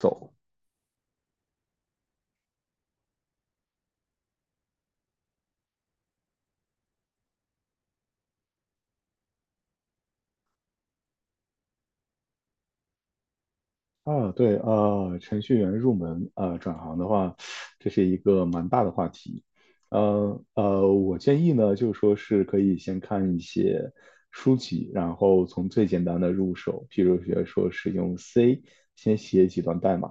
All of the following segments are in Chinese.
走对，程序员入门，转行的话，这是一个蛮大的话题。我建议呢，就是说是可以先看一些书籍，然后从最简单的入手，譬如学说是用 C 先写几段代码。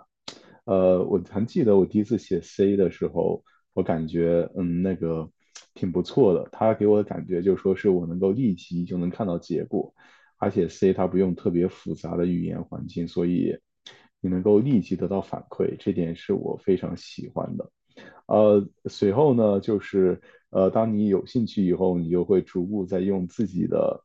我还记得我第一次写 C 的时候，我感觉那个挺不错的，它给我的感觉就是说是我能够立即就能看到结果，而且 C 它不用特别复杂的语言环境，所以你能够立即得到反馈，这点是我非常喜欢的。随后呢，就是当你有兴趣以后，你就会逐步在用自己的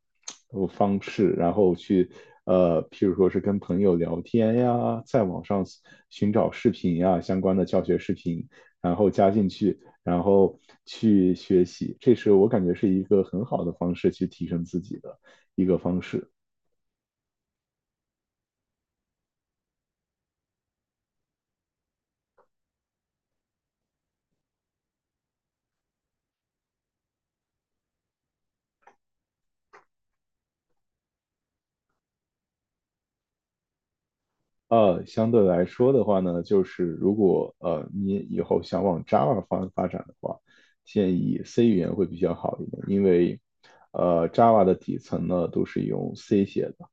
方式，然后去譬如说是跟朋友聊天呀，在网上寻找视频呀，相关的教学视频，然后加进去，然后去学习。这是我感觉是一个很好的方式去提升自己的一个方式。相对来说的话呢，就是如果你以后想往 Java 方发展的话，建议 C 语言会比较好一点，因为Java 的底层呢都是用 C 写的，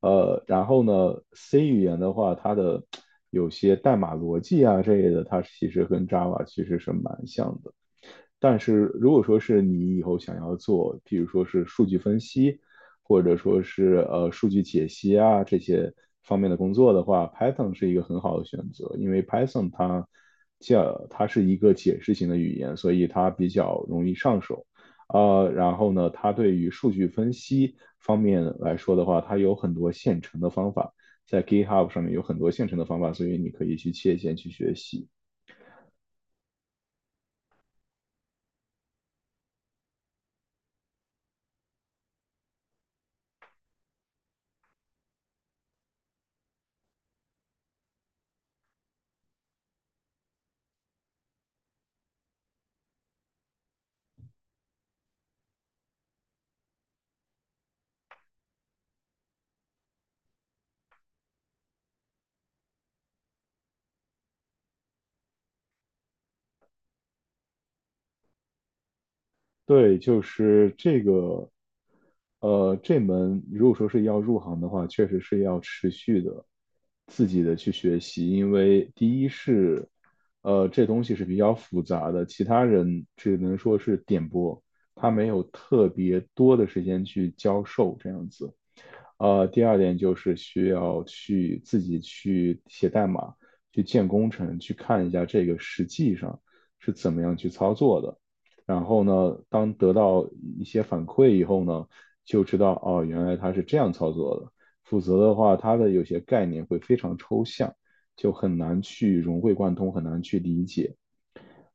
然后呢 C 语言的话，它的有些代码逻辑啊这类的，它其实跟 Java 其实是蛮像的。但是如果说是你以后想要做，譬如说是数据分析，或者说是数据解析啊这些方面的工作的话，Python 是一个很好的选择，因为 Python 它叫它是一个解释型的语言，所以它比较容易上手。然后呢，它对于数据分析方面来说的话，它有很多现成的方法，在 GitHub 上面有很多现成的方法，所以你可以去借鉴去学习。对，就是这个，这门如果说是要入行的话，确实是要持续的自己的去学习，因为第一是，这东西是比较复杂的，其他人只能说是点播，他没有特别多的时间去教授这样子。第二点就是需要去自己去写代码，去建工程，去看一下这个实际上是怎么样去操作的。然后呢，当得到一些反馈以后呢，就知道哦，原来它是这样操作的。否则的话，它的有些概念会非常抽象，就很难去融会贯通，很难去理解。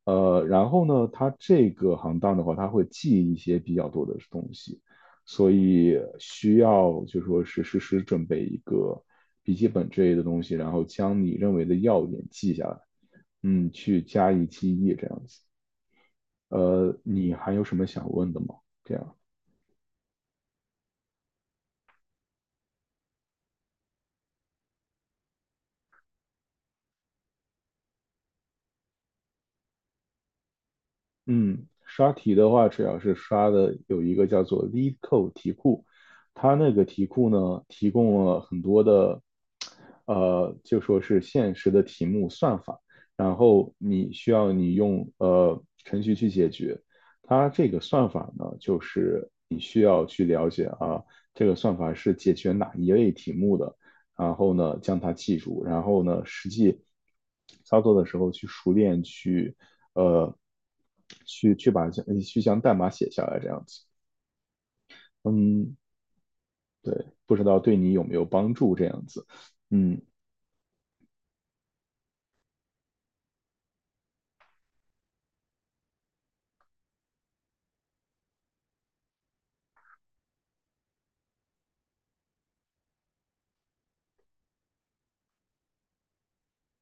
然后呢，它这个行当的话，它会记一些比较多的东西，所以需要就说是实时准备一个笔记本之类的东西，然后将你认为的要点记下来，嗯，去加以记忆这样子。你还有什么想问的吗？这样。嗯，刷题的话，主要是刷的有一个叫做 LeetCode 题库，它那个题库呢，提供了很多的，就说是现实的题目算法，然后你需要你用程序去解决。它这个算法呢，就是你需要去了解啊，这个算法是解决哪一类题目的，然后呢将它记住，然后呢实际操作的时候去熟练呃，去将代码写下来这样子。嗯，对，不知道对你有没有帮助这样子。嗯，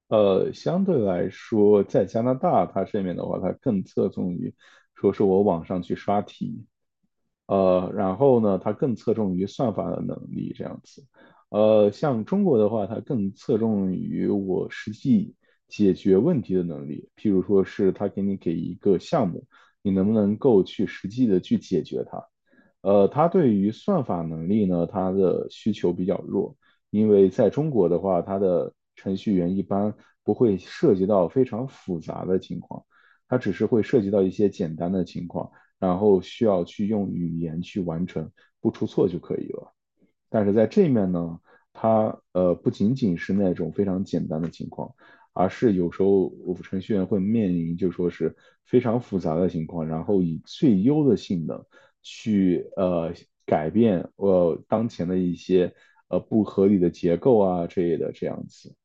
相对来说，在加拿大它这边的话，它更侧重于说是我网上去刷题，然后呢，它更侧重于算法的能力这样子。像中国的话，它更侧重于我实际解决问题的能力，譬如说是他给你给一个项目，你能不能够去实际的去解决它。它对于算法能力呢，它的需求比较弱，因为在中国的话，它的程序员一般不会涉及到非常复杂的情况，它只是会涉及到一些简单的情况。然后需要去用语言去完成，不出错就可以了。但是在这面呢，它不仅仅是那种非常简单的情况，而是有时候我们程序员会面临就说是非常复杂的情况，然后以最优的性能去改变当前的一些不合理的结构啊之类的这样子。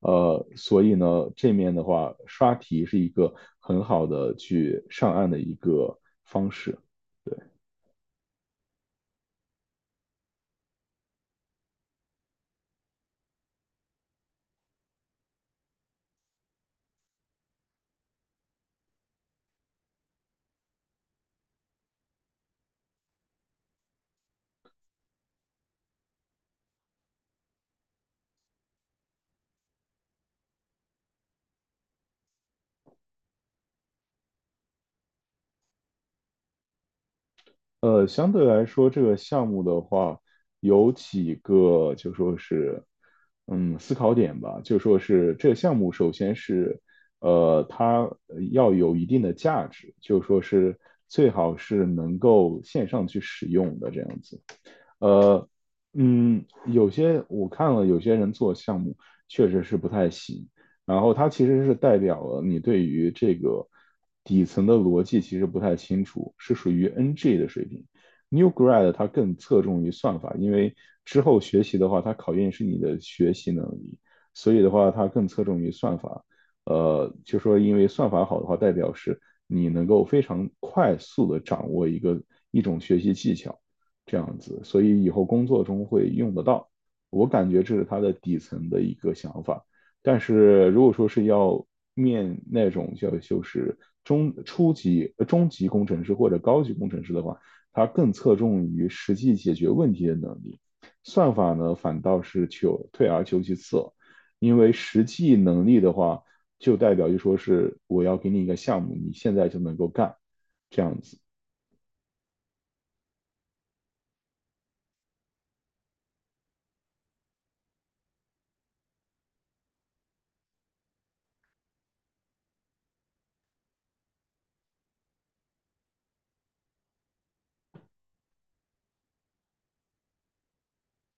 所以呢，这面的话，刷题是一个很好的去上岸的一个方式。相对来说，这个项目的话，有几个就说是，嗯，思考点吧。就说是这个项目，首先是，它要有一定的价值，就说是最好是能够线上去使用的这样子。呃，有些我看了，有些人做项目确实是不太行。然后它其实是代表了你对于这个底层的逻辑其实不太清楚，是属于 NG 的水平。New grad 它更侧重于算法，因为之后学习的话，它考验是你的学习能力，所以的话它更侧重于算法。就说因为算法好的话，代表是你能够非常快速的掌握一个一种学习技巧。这样子，所以以后工作中会用得到。我感觉这是他的底层的一个想法。但是如果说是要面那种叫就是中级工程师或者高级工程师的话，他更侧重于实际解决问题的能力。算法呢，反倒是求退而求其次，因为实际能力的话，就代表就说是我要给你一个项目，你现在就能够干，这样子。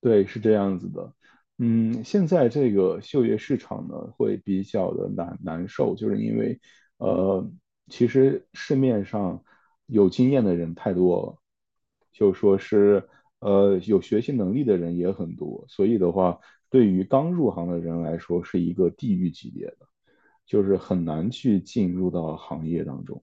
对，是这样子的。嗯，现在这个就业市场呢，会比较的难受，就是因为，呃，其实市面上有经验的人太多了，就说是，有学习能力的人也很多，所以的话，对于刚入行的人来说，是一个地狱级别的，就是很难去进入到行业当中。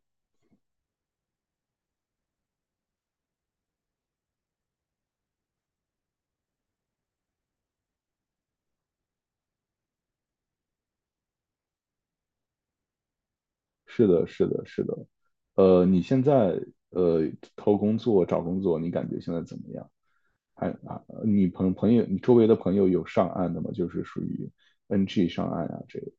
是的，是的，是的。你现在呃投工作、找工作，你感觉现在怎么样？还啊，你朋友，你周围的朋友有上岸的吗？就是属于 NG 上岸啊这个。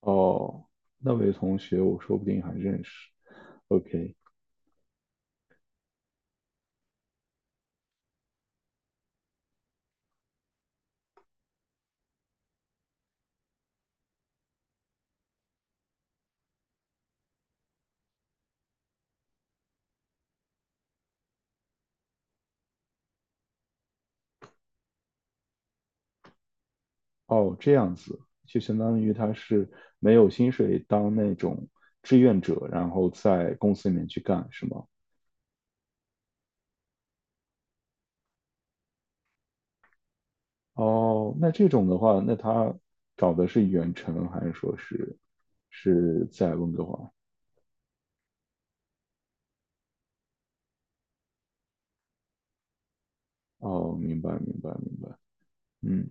哦，那位同学，我说不定还认识。OK,哦，这样子，就相当于他是没有薪水当那种志愿者，然后在公司里面去干，是吗？哦，那这种的话，那他找的是远程还是说是在温哥华？哦，明白明白明白，嗯，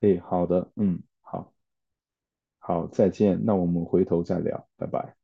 诶，好的，嗯，好，好，再见，那我们回头再聊，拜拜。